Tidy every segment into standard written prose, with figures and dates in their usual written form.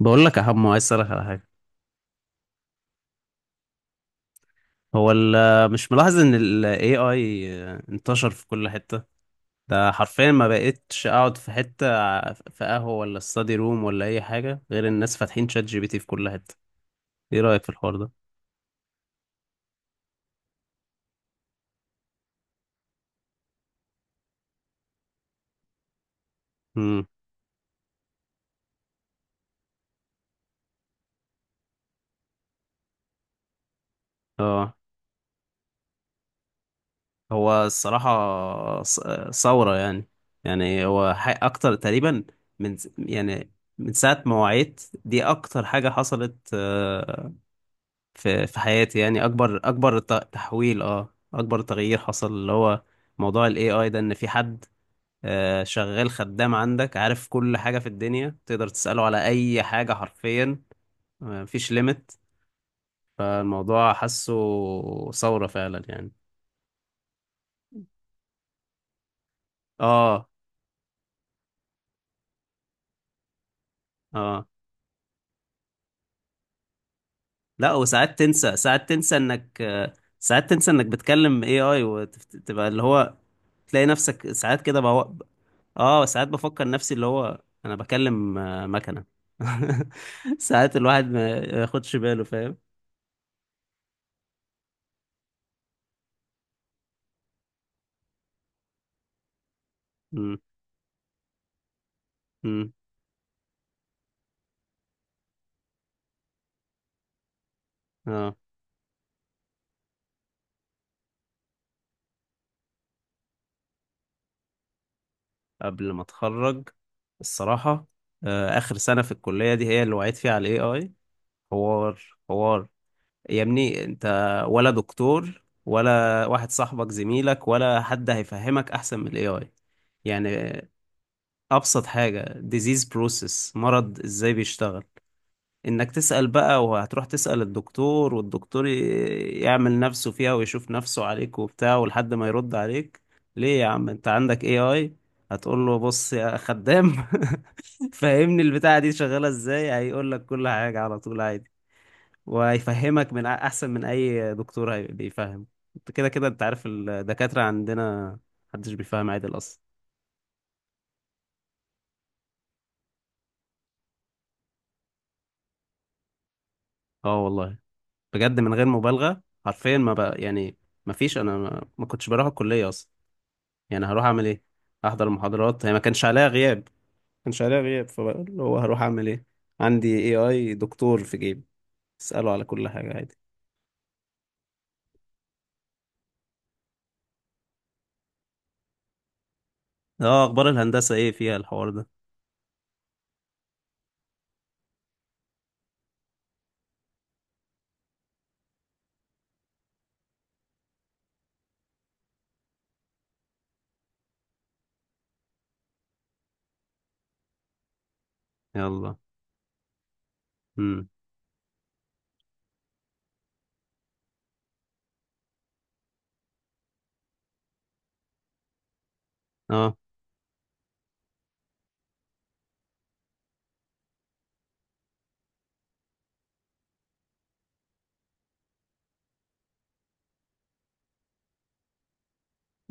بقول لك يا حمو، عايز اسالك على حاجه. هو ال مش ملاحظ ان ال AI انتشر في كل حته؟ ده حرفيا ما بقتش اقعد في حته، في قهوه ولا استادي روم ولا اي حاجه، غير الناس فاتحين شات جي بي تي في كل حته. ايه رايك في الحوار ده؟ امم. اه. هو الصراحه ثوره يعني. يعني هو اكتر تقريبا، من يعني من ساعه ما وعيت دي اكتر حاجه حصلت، في حياتي يعني، اكبر اكبر تحويل، اه اكبر تغيير حصل اللي هو موضوع الاي اي ده، ان في حد شغال خدام عندك، عارف كل حاجة في الدنيا تقدر تسأله على اي حاجة حرفيا، مفيش ليميت. فالموضوع حاسه ثورة فعلا يعني. اه. اه. لا وساعات تنسى، ساعات تنسى انك ساعات تنسى انك بتكلم اي اي وتبقى اللي هو تلاقي نفسك ساعات كده بقى. اه ساعات بفكر نفسي اللي هو انا بكلم مكنة. ساعات الواحد ما ياخدش باله فاهم. امم. امم. اه. قبل ما اتخرج الصراحة، اخر سنة في الكلية دي هي اللي وعيت فيها على الاي اي. حوار. حوار. يا ابني انت، ولا دكتور ولا واحد صاحبك زميلك ولا حد هيفهمك احسن من الاي اي يعني. ابسط حاجة، disease process، مرض ازاي بيشتغل، انك تسأل بقى وهتروح تسأل الدكتور، والدكتور يعمل نفسه فيها ويشوف نفسه عليك وبتاع، ولحد ما يرد عليك، ليه يا عم انت عندك اي اي. هتقول له بص يا خدام فهمني البتاعة دي شغالة ازاي، هيقول لك كل حاجة على طول عادي. وهيفهمك من احسن من اي دكتور بيفهم. انت كده كده، انت عارف الدكاترة عندنا محدش بيفهم عادل اصلا. اه والله، بجد من غير مبالغة حرفيا ما بقى يعني، ما فيش، انا ما كنتش بروح الكلية اصلا. يعني هروح اعمل ايه، احضر المحاضرات، هي ما كانش عليها غياب، ما كانش عليها غياب، فاللي هو هروح اعمل ايه. عندي اي اي دكتور في جيبي، اساله على كل حاجه عادي. اه. اخبار الهندسه ايه فيها الحوار ده؟ يلا. امم. اه.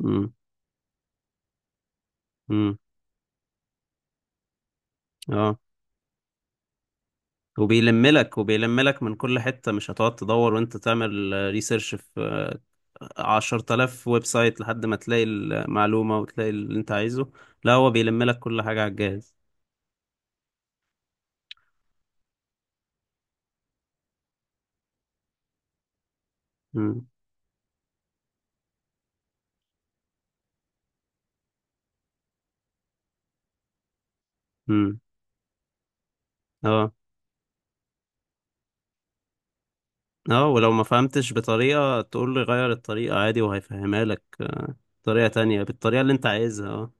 امم. امم. اه. وبيلم لك، وبيلم لك من كل حته، مش هتقعد تدور وانت تعمل ريسيرش في 10000 ويب سايت لحد ما تلاقي المعلومه وتلاقي اللي انت عايزه. لا هو بيلم لك كل حاجه على الجهاز. امم. امم. اه. اه ولو ما فهمتش بطريقة تقول له غير الطريقة عادي وهيفهمها لك، طريقة تانية بالطريقة اللي انت عايزها اه.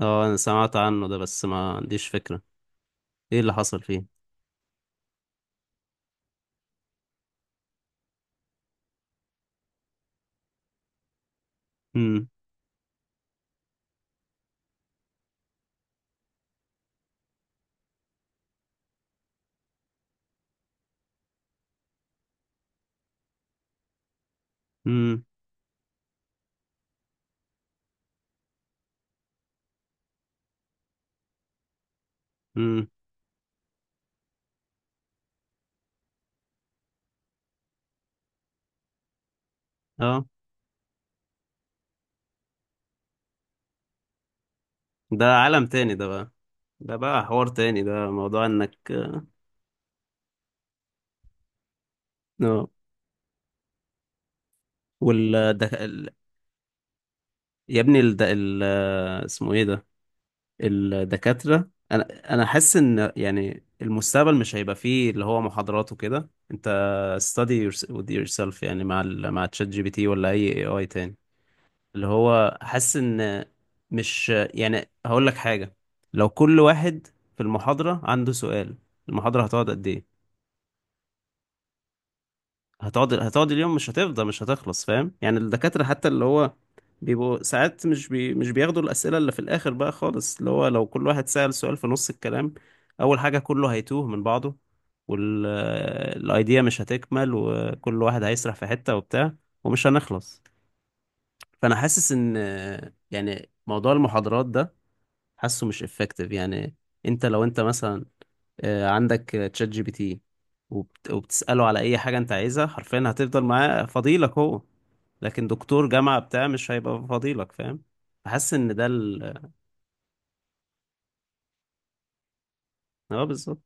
اه انا سمعت عنه ده، بس ما عنديش فكرة ايه اللي حصل فيه. امم. امم. امم. اه. ده عالم تاني ده بقى. ده بقى حوار تاني، ده موضوع انك اه. وال ده ال... يا ابني ال... ده ال... اسمه ايه ده. الدكاترة، انا حاسس ان يعني المستقبل مش هيبقى فيه اللي هو محاضرات وكده، انت study yours- with yourself يعني مع ال مع تشات جي بي تي ولا اي اي اي تاني. اللي هو حاسس ان، مش يعني هقول لك حاجة، لو كل واحد في المحاضرة عنده سؤال، المحاضرة هتقعد قد ايه؟ هتقعد اليوم، مش هتفضى، مش هتخلص، فاهم يعني؟ الدكاترة حتى اللي هو بيبقوا ساعات مش مش بياخدوا الأسئلة اللي في الآخر بقى خالص، اللي هو لو كل واحد سأل سؤال في نص الكلام، أول حاجة كله هيتوه من بعضه، والأيديا مش هتكمل، وكل واحد هيسرح في حتة وبتاع، ومش هنخلص. فأنا حاسس إن يعني موضوع المحاضرات ده، حاسه مش effective يعني. أنت لو أنت مثلا عندك تشات جي بي تي وبتسأله على أي حاجة أنت عايزها، حرفيا هتفضل معاه فضيلك هو، لكن دكتور جامعة بتاع مش هيبقى فضيلك فاهم. فحاسس إن ده ال اه بالظبط.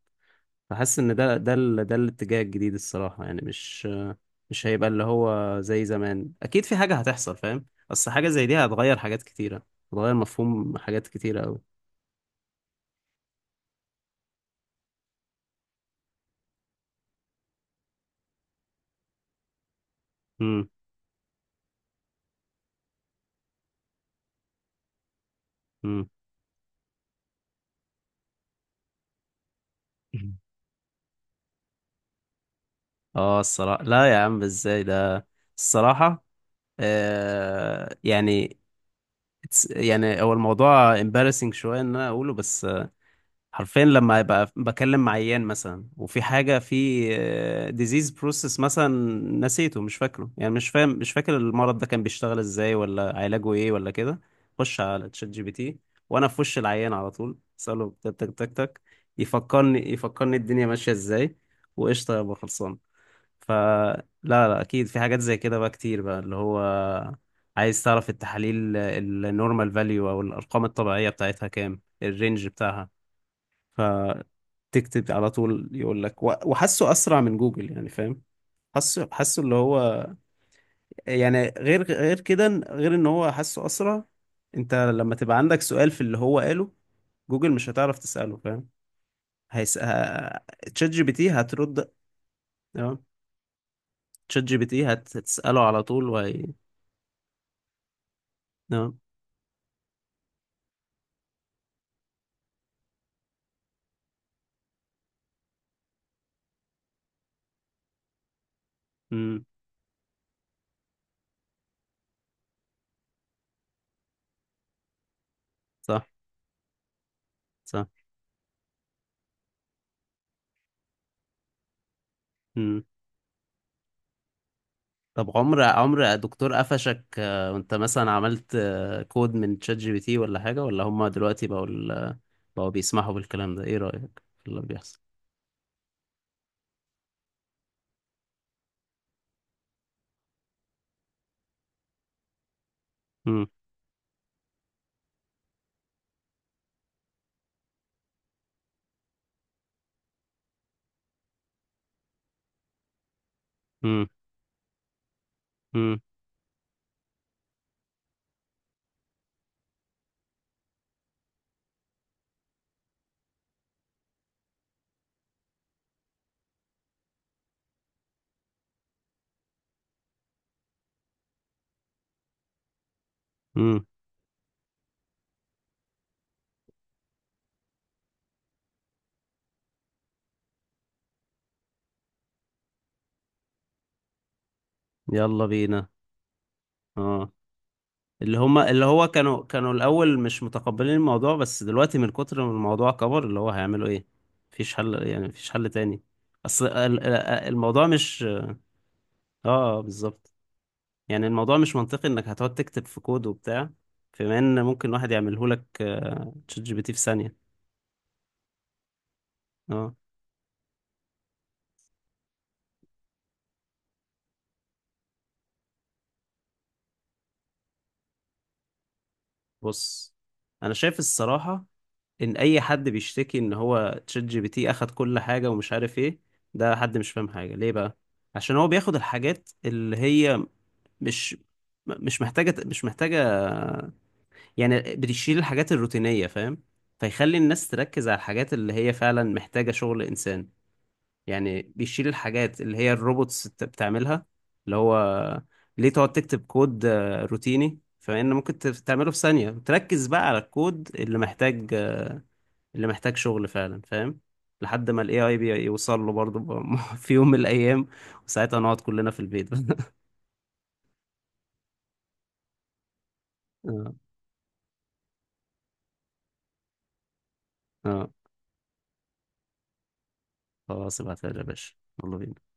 فحاسس إن ده ال... ده الاتجاه الجديد الصراحة، يعني مش مش هيبقى اللي هو زي زمان، أكيد في حاجة هتحصل فاهم. أصل حاجة زي دي هتغير حاجات كتيرة، هتغير مفهوم حاجات كتيرة أوي. مم. مم. اه الصراحة لا يا عم، ازاي ده. الصراحة آه يعني، it's- يعني هو الموضوع embarrassing شوية ان انا اقوله، بس حرفيا لما ابقى بكلم مع عيان مثلا وفي حاجة في disease process مثلا نسيته، مش فاكره يعني، مش فاهم مش فاكر المرض ده كان بيشتغل ازاي، ولا علاجه ايه ولا كده، خش على تشات جي بي تي وانا في وش العيان على طول اساله تك تك تك تك، يفكرني، يفكرني الدنيا ماشية ازاي وقشطة يبقى خلصان. فلا لا لا، اكيد في حاجات زي كده بقى كتير، بقى اللي هو عايز تعرف التحاليل النورمال فاليو او الارقام الطبيعيه بتاعتها كام، الرينج بتاعها، فتكتب على طول يقول لك، وحاسه اسرع من جوجل يعني فاهم. حاسه، حاسه اللي هو يعني غير، غير كده، غير ان هو حاسه اسرع. انت لما تبقى عندك سؤال في اللي هو قاله، جوجل مش هتعرف تساله فاهم. هيس... ه- تشات جي بي تي هترد. تمام. تشات جي بي تي هتساله على طول وهي. تمام. امم. صح. صح. امم. طب عمر، عمر دكتور قفشك وانت مثلا عملت كود من تشات جي بي تي ولا حاجة، ولا هم دلوقتي بقوا ال- بقوا بيسمحوا بالكلام ده، ايه رأيك في اللي بيحصل؟ امم. امم. امم. امم. يلا بينا. اه. اللي هم اللي هو كانوا الأول مش متقبلين الموضوع، بس دلوقتي من كتر ما الموضوع كبر اللي هو هيعملوا ايه. مفيش حل يعني، مفيش حل تاني. اصل ال- ال- الموضوع مش اه بالظبط. يعني الموضوع مش منطقي انك هتقعد تكتب في كود وبتاع، بما ان ممكن واحد يعمله لك تشات جي بي تي في ثانية. اه. بص، انا شايف الصراحة ان اي حد بيشتكي ان هو تشات جي بي تي اخد كل حاجة ومش عارف ايه، ده حد مش فاهم حاجة ليه بقى، عشان هو بياخد الحاجات اللي هي مش مش محتاجة، مش محتاجة يعني، بتشيل الحاجات الروتينية فاهم، فيخلي الناس تركز على الحاجات اللي هي فعلا محتاجة شغل انسان. يعني بيشيل الحاجات اللي هي الروبوتس بتعملها. اللي هو ليه تقعد تكتب كود روتيني، فإن ممكن تعمله في ثانية، تركز بقى على الكود اللي محتاج اللي محتاج شغل فعلا فاهم. لحد ما الاي اي بيوصل له برضه في يوم من الايام وساعتها نقعد كلنا في البيت. اه. اه خلاص ابعتها لي يا باشا، يلا بينا.